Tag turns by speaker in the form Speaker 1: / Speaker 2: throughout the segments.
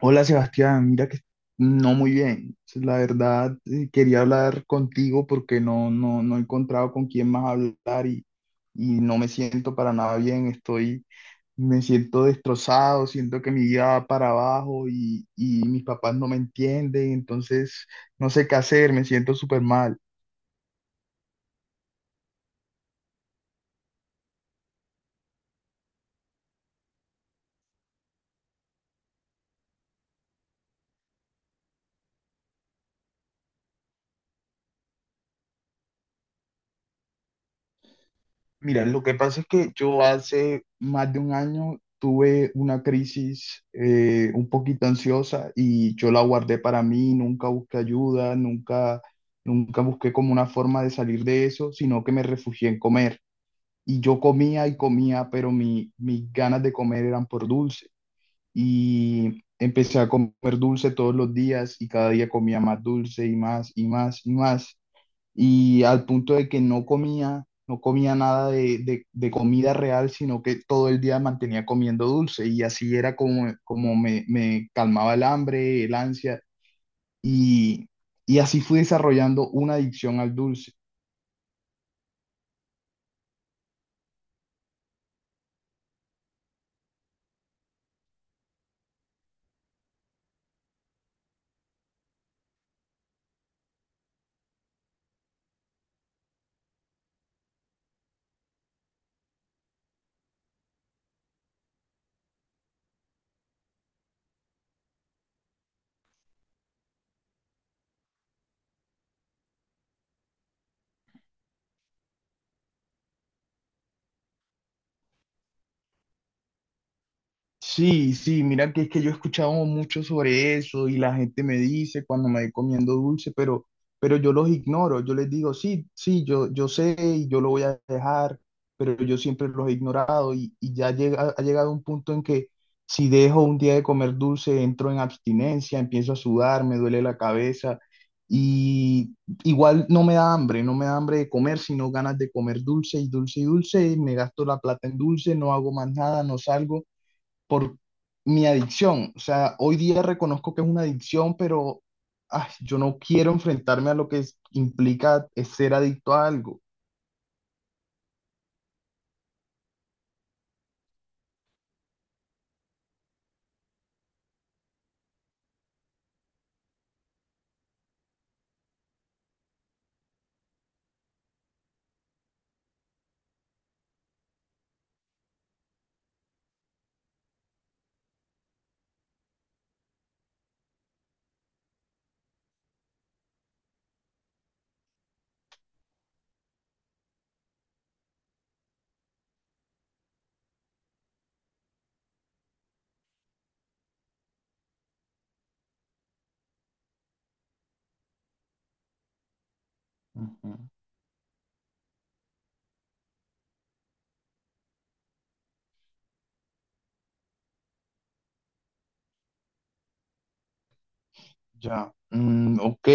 Speaker 1: Hola Sebastián, mira que no muy bien. La verdad, quería hablar contigo porque no he encontrado con quién más hablar y no me siento para nada bien. Me siento destrozado, siento que mi vida va para abajo y mis papás no me entienden, entonces no sé qué hacer, me siento súper mal. Mira, lo que pasa es que yo hace más de un año tuve una crisis un poquito ansiosa y yo la guardé para mí, nunca busqué ayuda, nunca busqué como una forma de salir de eso, sino que me refugié en comer. Y yo comía y comía, pero mis ganas de comer eran por dulce. Y empecé a comer dulce todos los días y cada día comía más dulce y más y más y más y al punto de que no comía nada de comida real, sino que todo el día mantenía comiendo dulce y así era como me calmaba el hambre, el ansia y, y así fui desarrollando una adicción al dulce. Sí, sí, mira que es que yo he escuchado mucho sobre eso y la gente me dice cuando me voy comiendo dulce, pero yo los ignoro, yo les digo, sí, sí, yo sé y yo lo voy a dejar, pero yo siempre los he ignorado y ha llegado un punto en que si dejo un día de comer dulce, entro en abstinencia, empiezo a sudar, me duele la cabeza y igual no me da hambre, no me da hambre de comer, sino ganas de comer dulce y dulce y dulce, y me gasto la plata en dulce, no hago más nada, no salgo por mi adicción. O sea, hoy día reconozco que es una adicción, pero ay, yo no quiero enfrentarme a lo que implica es ser adicto a algo. Ujú. Ya, mm, ok,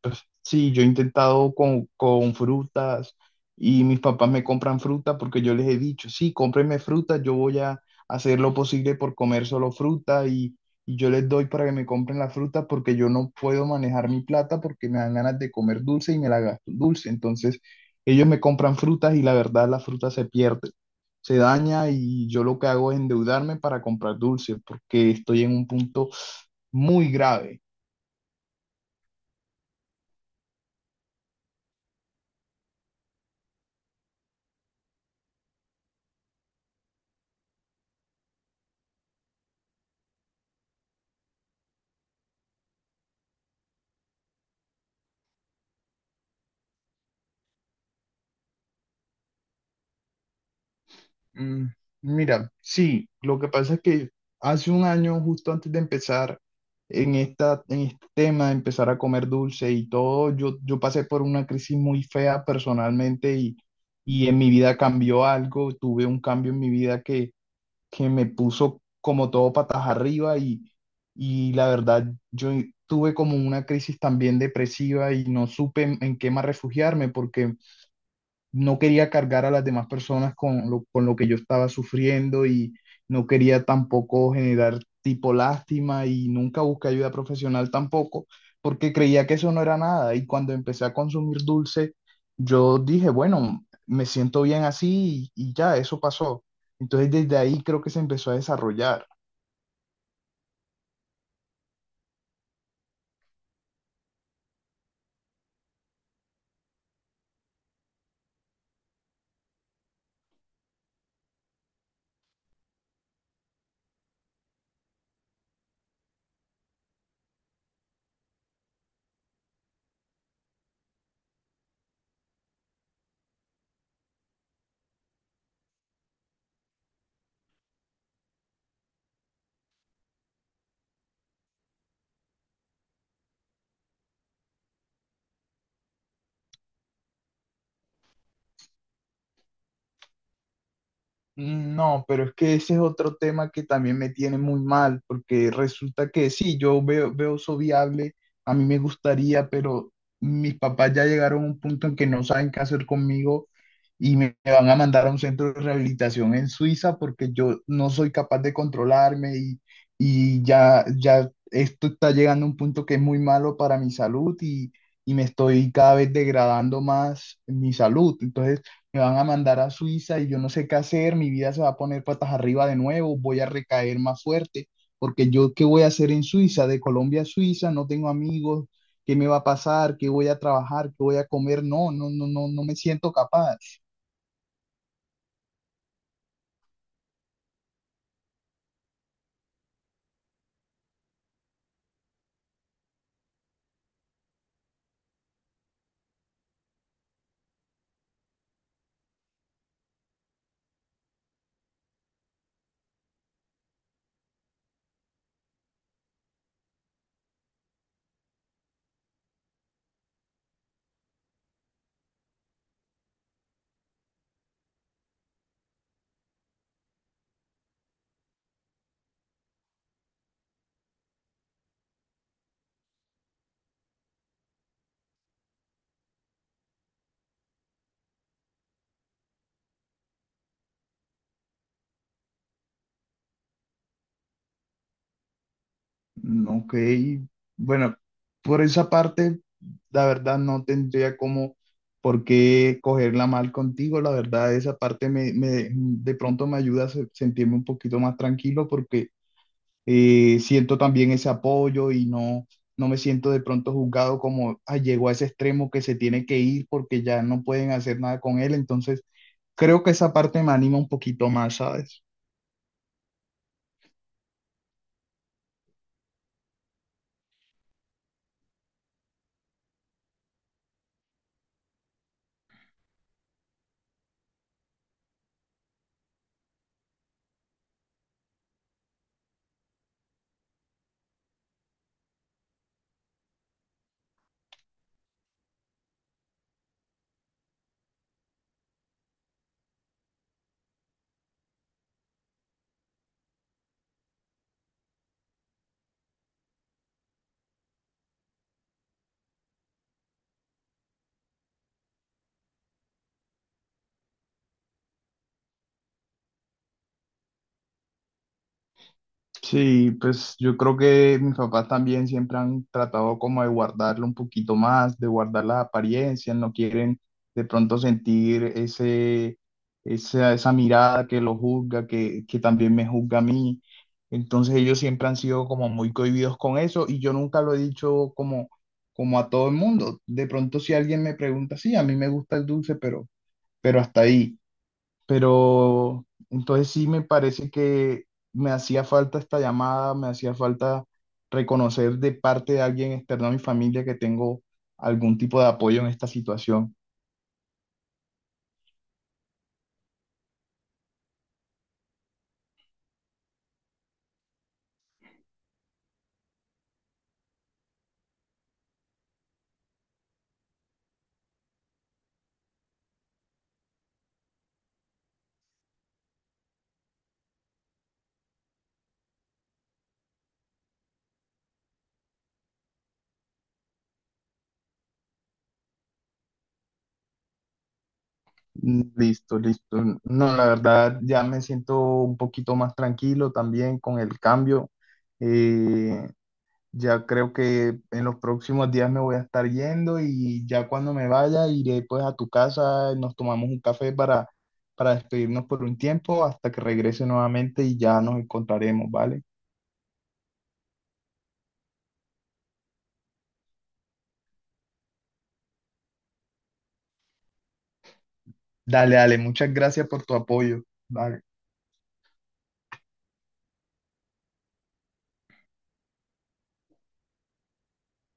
Speaker 1: pues sí, yo he intentado con frutas y mis papás me compran fruta porque yo les he dicho, sí, cómprenme fruta, yo voy a hacer lo posible por comer solo fruta, y yo les doy para que me compren la fruta porque yo no puedo manejar mi plata porque me dan ganas de comer dulce y me la gasto en dulce. Entonces, ellos me compran frutas y la verdad la fruta se pierde, se daña y yo lo que hago es endeudarme para comprar dulce porque estoy en un punto muy grave. Mm, mira, sí, lo que pasa es que hace un año, justo antes de empezar en en este tema de empezar a comer dulce y todo, yo pasé por una crisis muy fea personalmente y en mi vida cambió algo, tuve un cambio en mi vida que me puso como todo patas arriba y la verdad, yo tuve como una crisis también depresiva y no supe en qué más refugiarme porque no quería cargar a las demás personas con con lo que yo estaba sufriendo y no quería tampoco generar tipo lástima y nunca busqué ayuda profesional tampoco, porque creía que eso no era nada. Y cuando empecé a consumir dulce, yo dije, bueno, me siento bien así y ya, eso pasó. Entonces desde ahí creo que se empezó a desarrollar. No, pero es que ese es otro tema que también me tiene muy mal, porque resulta que sí, veo eso viable, a mí me gustaría, pero mis papás ya llegaron a un punto en que no saben qué hacer conmigo y me van a mandar a un centro de rehabilitación en Suiza porque yo no soy capaz de controlarme y ya esto está llegando a un punto que es muy malo para mi salud y me estoy cada vez degradando más mi salud. Entonces me van a mandar a Suiza y yo no sé qué hacer, mi vida se va a poner patas arriba de nuevo, voy a recaer más fuerte, porque yo qué voy a hacer en Suiza, de Colombia a Suiza, no tengo amigos. ¿Qué me va a pasar? ¿Qué voy a trabajar? ¿Qué voy a comer? No, no, no, no, no me siento capaz. Mm, ok, bueno, por esa parte, la verdad no tendría como por qué cogerla mal contigo, la verdad esa parte de pronto me ayuda a sentirme un poquito más tranquilo porque siento también ese apoyo y no me siento de pronto juzgado como, "Ay, llegó a ese extremo que se tiene que ir porque ya no pueden hacer nada con él". Entonces, creo que esa parte me anima un poquito más, ¿sabes? Sí, pues yo creo que mis papás también siempre han tratado como de guardarlo un poquito más, de guardar las apariencias, no quieren de pronto sentir esa mirada que lo juzga, que también me juzga a mí. Entonces ellos siempre han sido como muy cohibidos con eso y yo nunca lo he dicho como a todo el mundo. De pronto si alguien me pregunta, sí, a mí me gusta el dulce, pero hasta ahí. Pero entonces sí me parece que me hacía falta esta llamada, me hacía falta reconocer de parte de alguien externo a mi familia que tengo algún tipo de apoyo en esta situación. Mm, listo, listo. No, la verdad ya me siento un poquito más tranquilo también con el cambio. Eh, Ya creo que en los próximos días me voy a estar yendo y ya cuando me vaya iré pues a tu casa, nos tomamos un café para despedirnos por un tiempo hasta que regrese nuevamente y ya nos encontraremos, ¿vale? Dale, dale, muchas gracias por tu apoyo. Vale.